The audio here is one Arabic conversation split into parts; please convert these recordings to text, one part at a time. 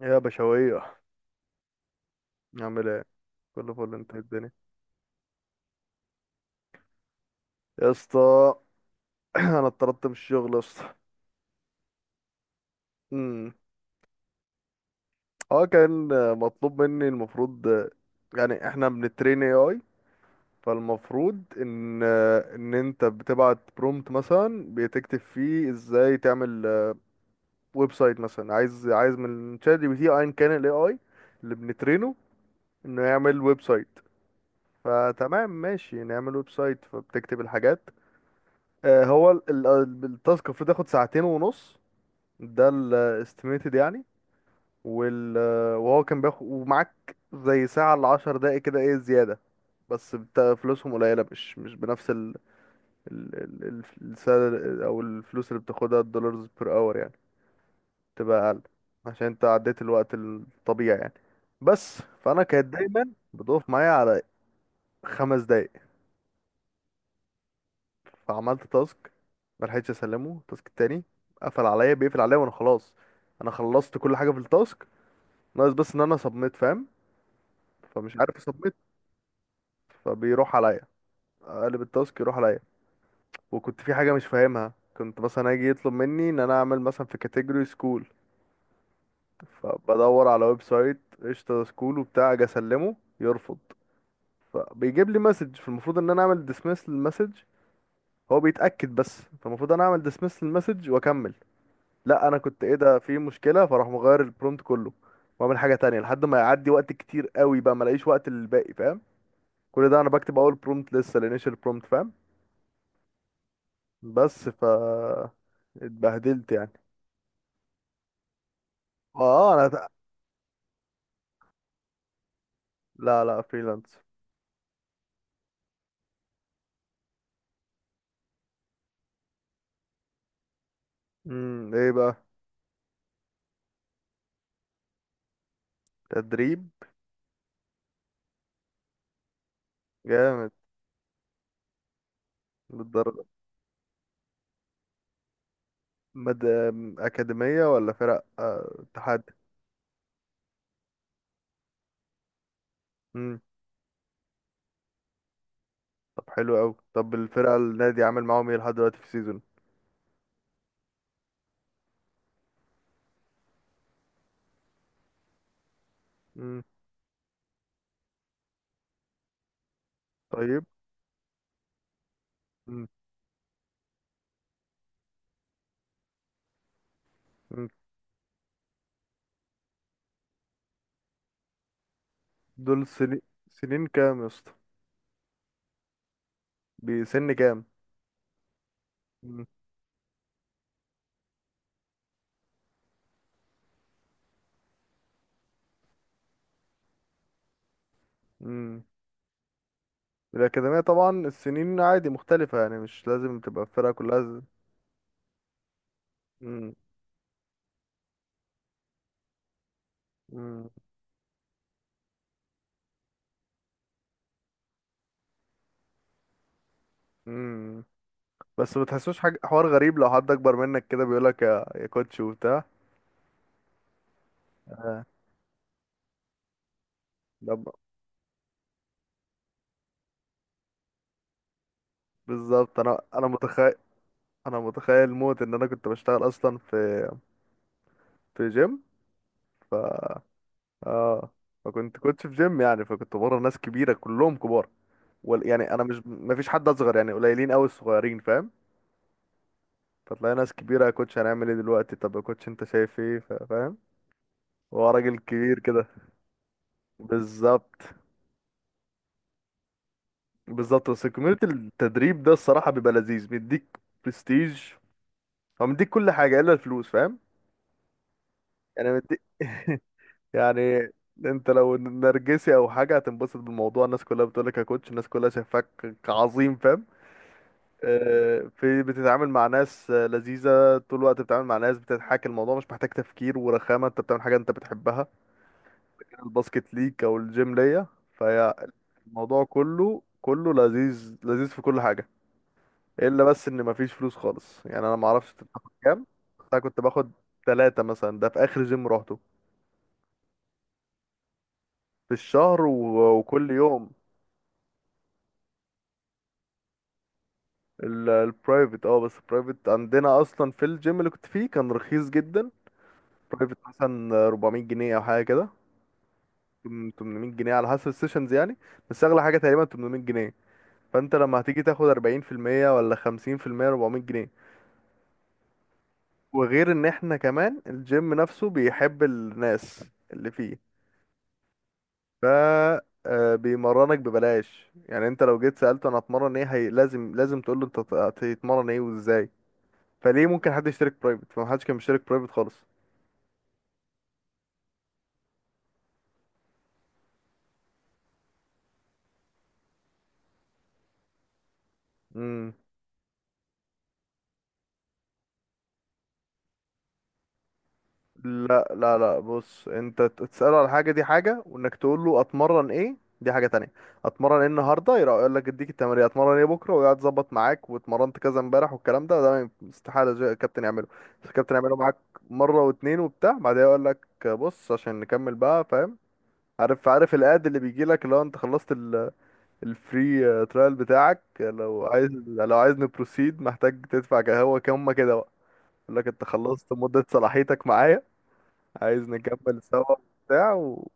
يا بشوية، عامل ايه، كله فل، انت إيه الدنيا يا اسطى؟ انا اتطردت من الشغل يا اسطى. امم. اه، كان مطلوب مني، المفروض يعني احنا بنترين اي اي، فالمفروض ان انت بتبعت برومت مثلا بتكتب فيه ازاي تعمل ويب سايت، مثلا عايز من شات جي بي تي ايا كان الاي اي اللي بنترينه انه يعمل ويب سايت. فتمام، ماشي، نعمل ويب سايت، فبتكتب الحاجات. هو التاسك المفروض ياخد ساعتين ونص، ده الاستيميتد يعني. وال آه، وهو كان بياخد ومعاك زي ساعة لعشر دقايق كده، ايه زيادة. بس فلوسهم قليلة، مش بنفس ال ال السالري او الفلوس اللي بتاخدها، الدولارز بير اور يعني تبقى اقل، عشان انت عديت الوقت الطبيعي يعني. بس فانا كانت دايما بتقف معايا على 5 دقايق، فعملت تاسك، ملحقتش اسلمه التاسك التاني، قفل عليا، بيقفل عليا وانا خلاص انا خلصت كل حاجه في التاسك، ناقص بس ان انا سبميت فاهم، فمش عارف اسبميت، فبيروح عليا، اقلب التاسك يروح عليا. وكنت في حاجه مش فاهمها، كنت مثلا اجي يطلب مني ان انا اعمل مثلا في كاتيجوري سكول، فبدور على ويب سايت قشطه سكول وبتاع، اجي اسلمه يرفض، فبيجيب لي مسج، فالمفروض ان انا اعمل ديسمس للمسج، هو بيتاكد بس، فالمفروض انا اعمل ديسمس للمسج واكمل. لا، انا كنت ايه ده، في مشكله، فراح مغير البرومت كله، واعمل حاجه تانية لحد ما يعدي وقت كتير قوي، بقى ما الاقيش وقت للباقي، فاهم؟ كل ده انا بكتب اول برومت لسه، الانيشال برومت، فاهم؟ بس ف اتبهدلت يعني. اه، لا لا، فريلانس. ايه بقى؟ تدريب. جامد. بالدرجه؟ مد... اكاديميه ولا فرق اتحاد؟ امم. طب حلو قوي، طب الفرقه النادي عامل معاهم ايه لحد دلوقتي في السيزون؟ امم. طيب. امم. دول سنين. سنين كام يا اسطى؟ بسن كام؟ مم. مم. الأكاديمية طبعا السنين عادي مختلفة، يعني مش لازم تبقى الفرقة كلها مم. مم. مم. بس ما تحسوش حاجة حوار غريب لو حد أكبر منك كده بيقولك يا كوتش وبتاع؟ آه. ده ب- بالظبط، أنا متخيل، أنا متخيل موت إن أنا كنت بشتغل أصلا في في جيم. اه، فكنت كنت في جيم يعني، فكنت بره ناس كبيره كلهم كبار، وال... يعني انا مش ما فيش حد اصغر يعني، قليلين قوي الصغيرين، فاهم؟ فتلاقي ناس كبيره، يا كوتش هنعمل ايه دلوقتي، طب يا كوتش انت شايف ايه، فاهم؟ هو راجل كبير كده. بالظبط بالظبط، بس كوميونتي التدريب ده الصراحه بيبقى لذيذ، بيديك برستيج، هو مديك كل حاجه الا الفلوس فاهم؟ يعني مديك يعني، انت لو نرجسي او حاجه هتنبسط بالموضوع، الناس كلها بتقولك يا كوتش، الناس كلها شايفاك عظيم فاهم؟ في بتتعامل مع ناس لذيذة طول الوقت، بتتعامل مع ناس بتضحك، الموضوع مش محتاج تفكير ورخامة، انت بتعمل حاجة انت بتحبها، كان الباسكت ليك او الجيم ليا. فهي الموضوع كله كله لذيذ لذيذ في كل حاجة، الا بس ان مفيش فلوس خالص يعني. انا معرفش انت بتاخد كام. بس انا كنت باخد ثلاثة مثلا، ده في اخر جيم روحته، في الشهر، و... وكل يوم. البرايفت، اه بس البرايفت عندنا اصلا في الجيم اللي كنت فيه كان رخيص جدا. برايفت مثلا 400 جنيه او حاجة كده، 800 جنيه على حسب السيشنز يعني، بس اغلى حاجه تقريبا 800 جنيه. فانت لما هتيجي تاخد 40% ولا 50%، 400 جنيه. وغير ان احنا كمان الجيم نفسه بيحب الناس اللي فيه، ف بيمرنك ببلاش يعني. انت لو جيت سالته انا هتمرن ايه، هي لازم تقول له انت هتتمرن ايه وازاي، فليه ممكن حد يشترك برايفت، فمحدش كان بيشترك برايفت خالص. امم لا لا لا، بص، انت تسأله على حاجة دي حاجة، وانك تقول له اتمرن ايه دي حاجة تانية. اتمرن ايه النهاردة، يروح يقول لك اديك التمرين اتمرن ايه بكرة ويقعد يظبط معاك، واتمرنت كذا امبارح والكلام ده، ما ينف- استحالة الكابتن يعمله، الكابتن يعمله معاك مرة واتنين وبتاع، بعدها يقول لك بص عشان نكمل بقى، فاهم؟ عارف، عارف الاد اللي بيجي لك لو انت خلصت الفري ترايل بتاعك، لو عايز، لو عايز نبروسيد محتاج تدفع هو كام كده بقى، يقول لك انت خلصت مدة صلاحيتك معايا، عايز نكمل سوا بتاع و...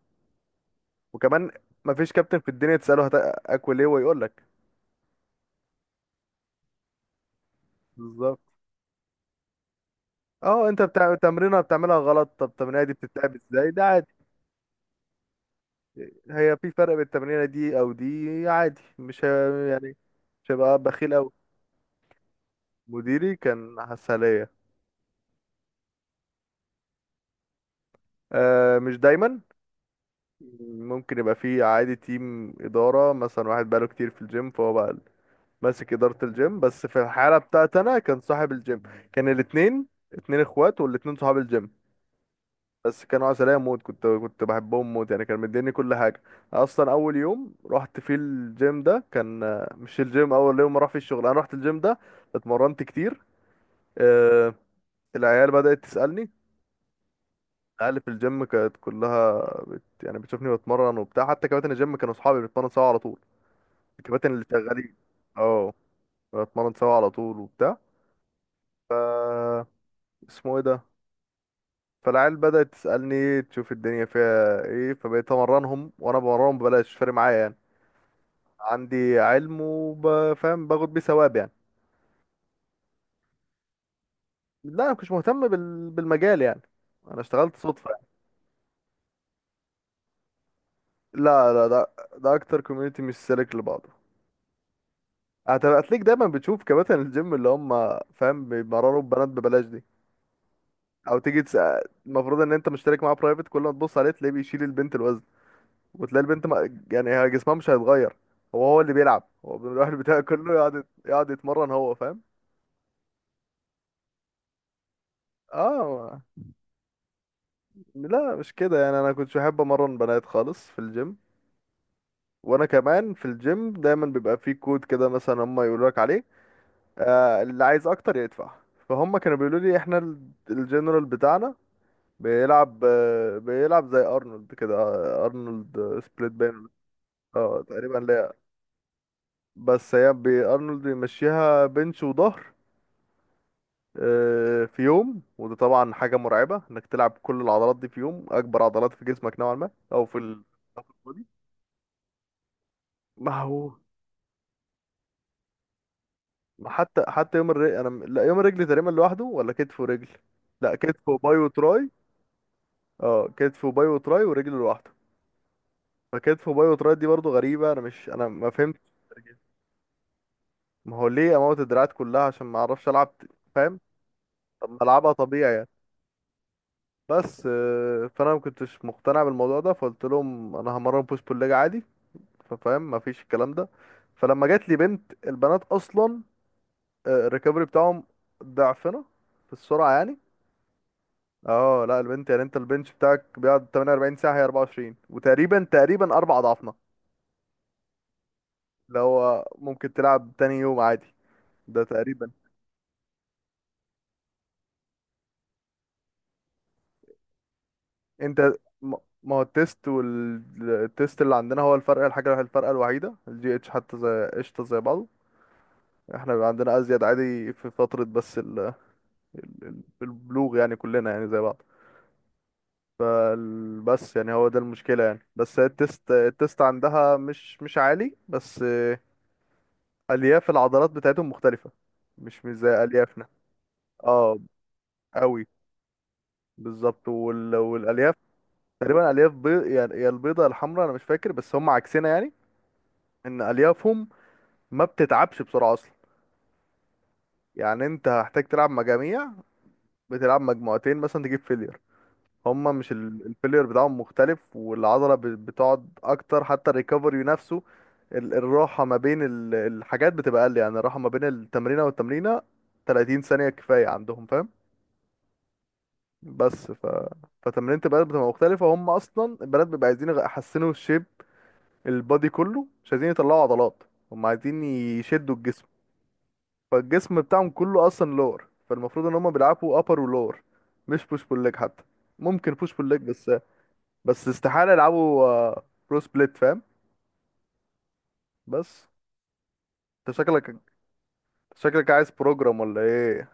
وكمان مفيش كابتن في الدنيا تسأله اكل ايه ويقول لك. بالظبط. اه، انت بتاع تمرينه بتعملها غلط طب التمرينه دي بتتلعب ازاي، ده عادي. هي في فرق بين التمرينه دي او دي عادي، مش ه... يعني مش هبقى بخيل قوي. مديري كان عسلية. آه مش دايما، ممكن يبقى فيه عادي تيم إدارة، مثلا واحد بقاله كتير في الجيم فهو بقى ماسك إدارة الجيم، بس في الحالة بتاعت أنا كان صاحب الجيم. كان الاتنين، اتنين اخوات والاتنين صحاب الجيم، بس كانوا عسلية موت. كنت بحبهم موت يعني، كان مديني كل حاجة. أصلا أول يوم رحت فيه الجيم ده كان، مش الجيم، أول يوم راح فيه الشغل أنا رحت الجيم ده، اتمرنت كتير. آه، العيال بدأت تسألني، العيال في الجيم كانت كلها يعني بتشوفني بتمرن وبتاع، حتى كباتن الجيم كانوا صحابي، بنتمرن سوا على طول، الكباتن اللي شغالين. اه، بنتمرن سوا على طول وبتاع، اسمه ايه ده، فالعيال بدأت تسألني تشوف الدنيا فيها ايه، فبقيت امرنهم، وانا بمرنهم ببلاش مش فارق معايا يعني، عندي علم وبفهم باخد بيه ثواب يعني. لا، انا مش مهتم بالمجال يعني، انا اشتغلت صدفة يعني. لا لا، ده اكتر كوميونتي مش سالك لبعضه. هتلاقيك دايما بتشوف كباتن الجيم اللي هم فاهم بيمرروا البنات ببلاش دي، او تيجي تسأل، المفروض ان انت مشترك معاه برايفت، كل ما تبص عليه تلاقيه بيشيل البنت الوزن، وتلاقي البنت ما يعني هي جسمها مش هيتغير، هو، هو اللي بيلعب، هو بيروح البتاع كله يقعد، يقعد يتمرن هو فاهم. اه لا مش كده يعني، انا كنتش بحب امرن بنات خالص في الجيم. وانا كمان في الجيم دايما بيبقى في كود كده، مثلا هم يقولوا لك عليه، اللي عايز اكتر يدفع. فهم كانوا بيقولوا لي احنا الجنرال بتاعنا بيلعب زي ارنولد كده، ارنولد سبليت بين، اه تقريبا، لا، بس هي ارنولد بيمشيها بنش وظهر في يوم. وده طبعا حاجة مرعبة انك تلعب كل العضلات دي في يوم، اكبر عضلات في جسمك نوعا ما، او في ال أو في البودي. ما هو، ما حتى يوم الرجل انا لا، يوم الرجل تقريبا لوحده، ولا كتف ورجل، لا كتف وباي وتراي. اه، كتف وباي وتراي ورجل لوحده. فكتف وباي وتراي دي برضو غريبة، انا ما فهمت. ما هو ليه اموت الدراعات كلها، عشان ما اعرفش العب فاهم؟ طب ما العبها طبيعي يعني. بس فانا ما كنتش مقتنع بالموضوع ده، فقلت لهم انا همرن بوش بول ليج عادي، فاهم؟ مفيش الكلام ده. فلما جات لي بنت، البنات اصلا الريكفري بتاعهم ضعفنا في السرعه يعني. اه، لا البنت يعني، انت البنش بتاعك بيقعد 48 ساعه، هي 24، وتقريبا 4 اضعافنا، اللي هو ممكن تلعب تاني يوم عادي ده تقريبا. انت م- ما هو التيست، والتيست اللي عندنا هو الفرق، الحاجه، الفرقه الوحيده، الجي اتش حتى زي قشطه زي بعضه. احنا بيبقى عندنا ازيد عادي في فتره، بس البلوغ يعني كلنا يعني زي بعض. بس يعني هو ده المشكلة يعني، بس هي التست عندها مش عالي، بس ألياف العضلات بتاعتهم مختلفة، مش زي أليافنا. اه قوي. بالظبط، وال... والألياف تقريبا ألياف بيض يعني، يا البيضة يا الحمراء، أنا مش فاكر، بس هم عكسنا يعني، إن أليافهم ما بتتعبش بسرعة أصلا، يعني أنت هحتاج تلعب مجاميع، بتلعب مجموعتين مثلا تجيب فيلير. هما مش الفيلير بتاعهم مختلف، والعضلة بتقعد اكتر، حتى الريكفري نفسه الراحة ما بين الحاجات بتبقى اقل، يعني الراحة ما بين التمرينة والتمرينة 30 ثانية كفاية عندهم فاهم؟ بس ف فتمرينة البنات بتبقى مختلفة، هم اصلا البنات بيبقى عايزين يحسنوا الشيب، البادي كله مش عايزين يطلعوا عضلات، هم عايزين يشدوا الجسم، فالجسم بتاعهم كله اصلا لور، فالمفروض ان هم بيلعبوا ابر ولور، مش بوش بول ليج حتى، ممكن بوش بول ليج بس، بس استحالة يلعبوا برو سبليت فاهم؟ بس انت شكلك شكلك عايز بروجرام ولا ايه؟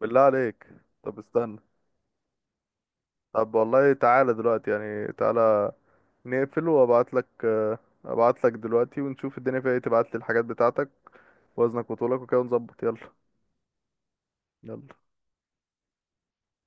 بالله عليك. طب استنى، طب والله تعالى دلوقتي يعني، تعالى نقفل، وابعت لك ابعت لك دلوقتي ونشوف الدنيا فيها ايه، تبعت لي الحاجات بتاعتك وزنك وطولك وكده ونظبط، يلا يلا.